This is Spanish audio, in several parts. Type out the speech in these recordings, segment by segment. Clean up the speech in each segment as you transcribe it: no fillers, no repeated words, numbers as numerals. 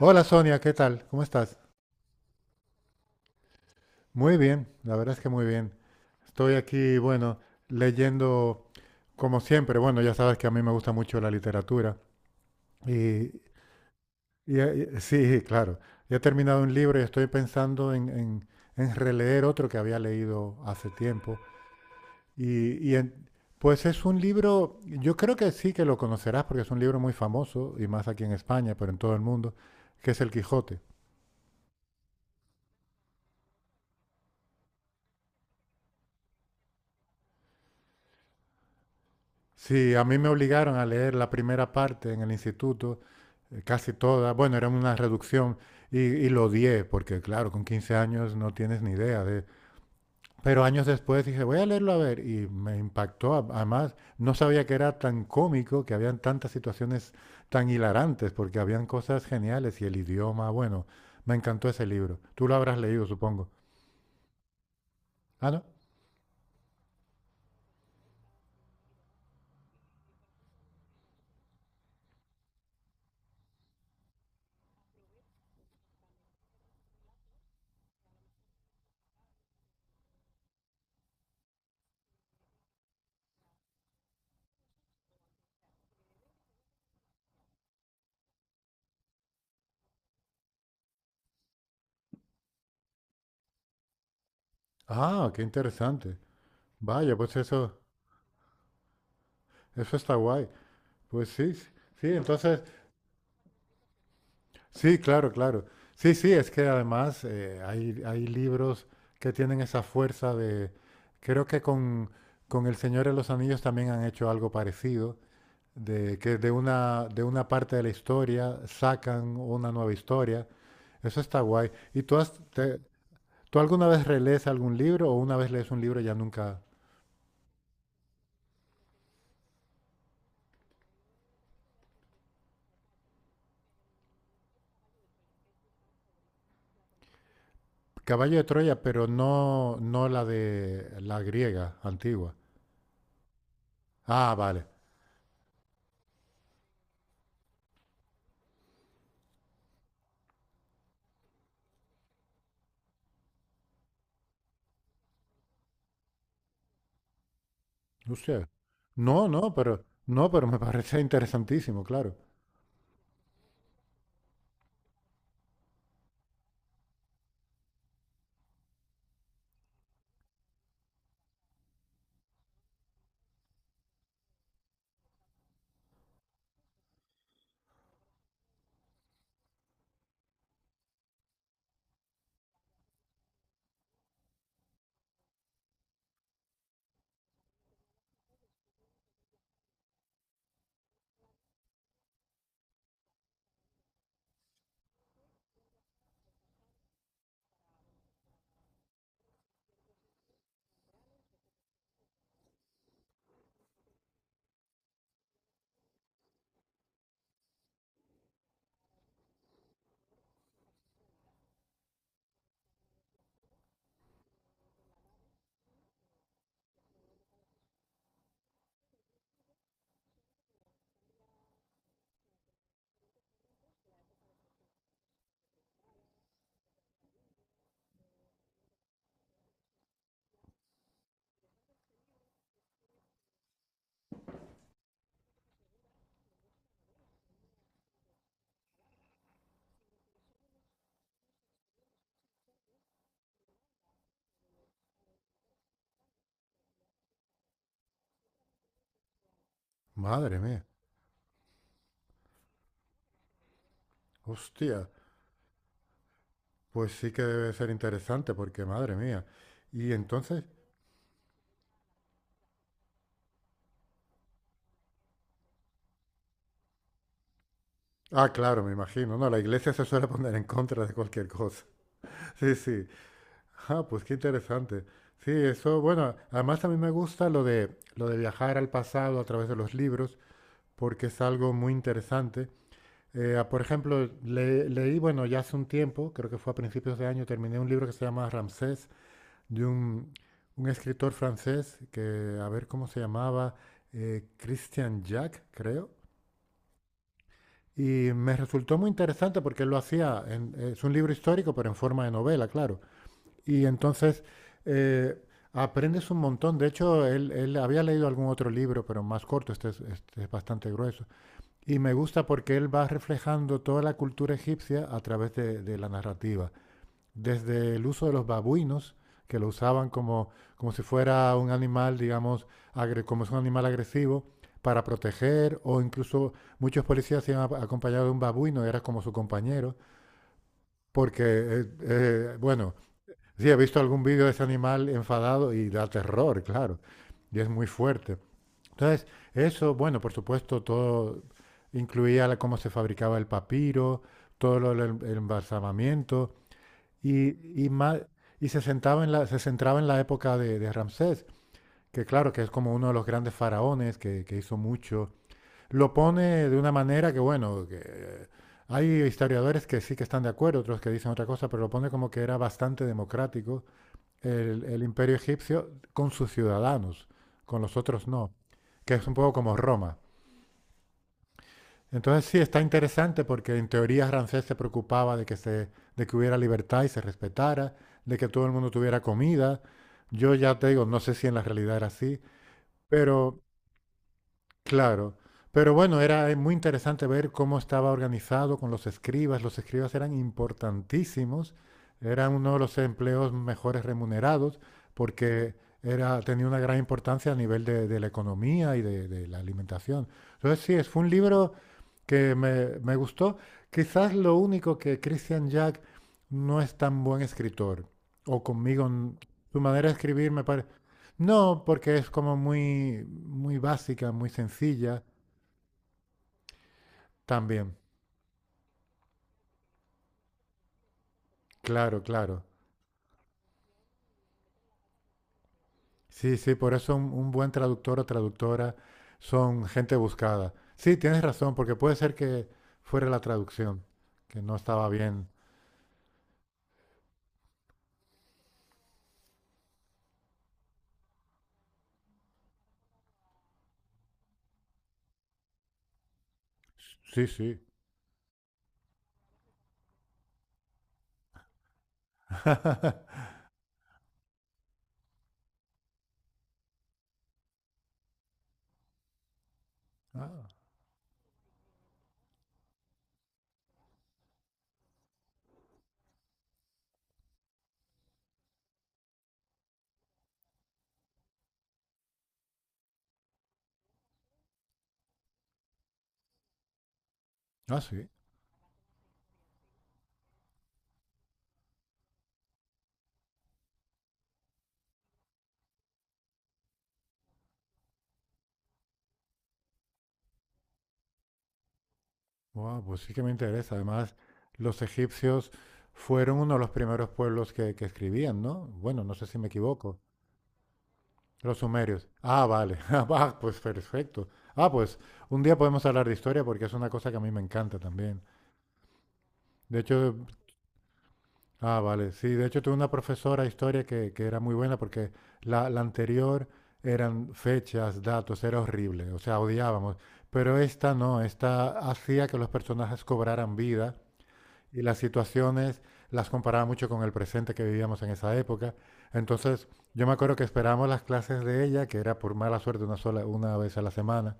Hola Sonia, ¿qué tal? ¿Cómo estás? Muy bien, la verdad es que muy bien. Estoy aquí, bueno, leyendo como siempre. Bueno, ya sabes que a mí me gusta mucho la literatura. Y, y sí, claro. Ya he terminado un libro y estoy pensando en, en releer otro que había leído hace tiempo. Y, y en- pues es un libro, yo creo que sí que lo conocerás porque es un libro muy famoso, y más aquí en España, pero en todo el mundo, que es El Quijote. Sí, a mí me obligaron a leer la primera parte en el instituto, casi toda, bueno, era una reducción y lo odié, porque claro, con 15 años no tienes ni idea de. Pero años después dije, voy a leerlo a ver, y me impactó, además no sabía que era tan cómico, que habían tantas situaciones tan hilarantes, porque habían cosas geniales y el idioma, bueno, me encantó ese libro. Tú lo habrás leído, supongo. Ah, ¿no? Ah, qué interesante. Vaya, pues eso está guay. Pues sí, sí, sí, entonces. Sí, claro, claro. Sí, sí, es que además hay libros que tienen esa fuerza de. Creo que con El Señor de los Anillos también han hecho algo parecido, de que de una parte de la historia sacan una nueva historia. Eso está guay. ¿Y tú, tú alguna vez relees algún libro o una vez lees un libro y ya nunca? Caballo de Troya, pero no, no la de la griega antigua. Ah, vale. Hostia. No, no, pero no, pero me parece interesantísimo, claro. Madre mía. Hostia. Pues sí que debe ser interesante, porque madre mía. Y entonces, ah, claro, me imagino. No, la iglesia se suele poner en contra de cualquier cosa. Sí, sí. Ah, pues qué interesante. Sí, eso, bueno, además a mí me gusta lo de viajar al pasado a través de los libros, porque es algo muy interesante. Ah, por ejemplo, leí, bueno, ya hace un tiempo, creo que fue a principios de año, terminé un libro que se llama Ramsés de un escritor francés que, a ver cómo se llamaba, Christian Jack, creo. Y me resultó muy interesante porque él lo hacía, es un libro histórico, pero en forma de novela, claro. Y entonces eh, aprendes un montón. De hecho, él había leído algún otro libro, pero más corto, este es bastante grueso. Y me gusta porque él va reflejando toda la cultura egipcia a través de la narrativa desde el uso de los babuinos, que lo usaban como si fuera un animal, digamos, como es un animal agresivo, para proteger, o incluso muchos policías se han acompañado de un babuino, era como su compañero, porque, bueno, sí, he visto algún vídeo de ese animal enfadado y da terror, claro, y es muy fuerte. Entonces, eso, bueno, por supuesto, todo incluía cómo se fabricaba el papiro, todo lo del embalsamamiento, más, sentaba en se centraba en la época de Ramsés, que claro, que es como uno de los grandes faraones que hizo mucho. Lo pone de una manera que, bueno, que, hay historiadores que sí que están de acuerdo, otros que dicen otra cosa, pero lo pone como que era bastante democrático el imperio egipcio con sus ciudadanos, con los otros no, que es un poco como Roma. Entonces sí, está interesante porque en teoría Ramsés se preocupaba de que hubiera libertad y se respetara, de que todo el mundo tuviera comida. Yo ya te digo, no sé si en la realidad era así, pero claro. Pero bueno, era muy interesante ver cómo estaba organizado con los escribas. Los escribas eran importantísimos, eran uno de los empleos mejores remunerados porque tenía una gran importancia a nivel de la economía y de la alimentación. Entonces sí, fue un libro que me gustó. Quizás lo único que Christian Jack no es tan buen escritor, o conmigo, su manera de escribir me parece. No, porque es como muy, muy básica, muy sencilla. También, claro, claro. Sí, sí, por eso un buen traductor o traductora son gente buscada. Sí, tienes razón, porque puede ser que fuera la traducción, que no estaba bien. Sí, sí. Ah, ah, sí. Wow, pues sí que me interesa. Además, los egipcios fueron uno de los primeros pueblos que escribían, ¿no? Bueno, no sé si me equivoco. Los sumerios. Ah, vale. Ah, va, pues perfecto. Ah, pues un día podemos hablar de historia porque es una cosa que a mí me encanta también. De hecho, ah, vale. Sí, de hecho tuve una profesora de historia que era muy buena porque la anterior eran fechas, datos, era horrible. O sea, odiábamos. Pero esta no, esta hacía que los personajes cobraran vida y las situaciones las comparaba mucho con el presente que vivíamos en esa época. Entonces, yo me acuerdo que esperábamos las clases de ella, que era por mala suerte una sola una vez a la semana,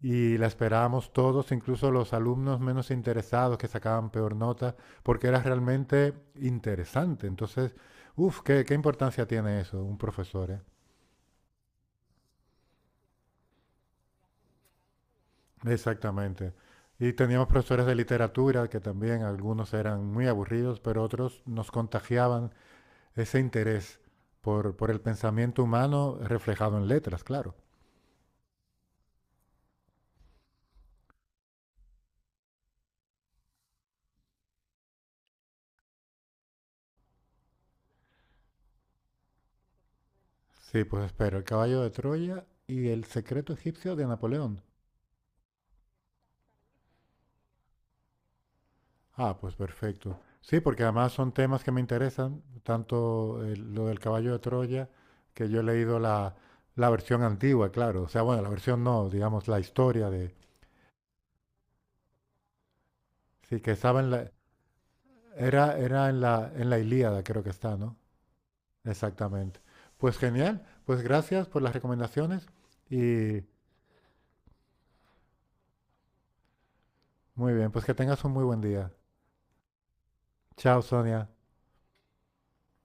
y la esperábamos todos, incluso los alumnos menos interesados que sacaban peor nota, porque era realmente interesante. Entonces, uff, ¿qué importancia tiene eso, un profesor, ¿eh? Exactamente. Y teníamos profesores de literatura que también algunos eran muy aburridos, pero otros nos contagiaban ese interés por el pensamiento humano reflejado en letras, claro. Sí, pues espero, el caballo de Troya y el secreto egipcio de Napoleón. Ah, pues perfecto. Sí, porque además son temas que me interesan, tanto lo del caballo de Troya, que yo he leído la versión antigua, claro. O sea, bueno, la versión no, digamos, la historia de. Sí, que estaba en la. Era en la Ilíada, creo que está, ¿no? Exactamente. Pues genial, pues gracias por las recomendaciones y muy bien, pues que tengas un muy buen día. Chao, Sonia.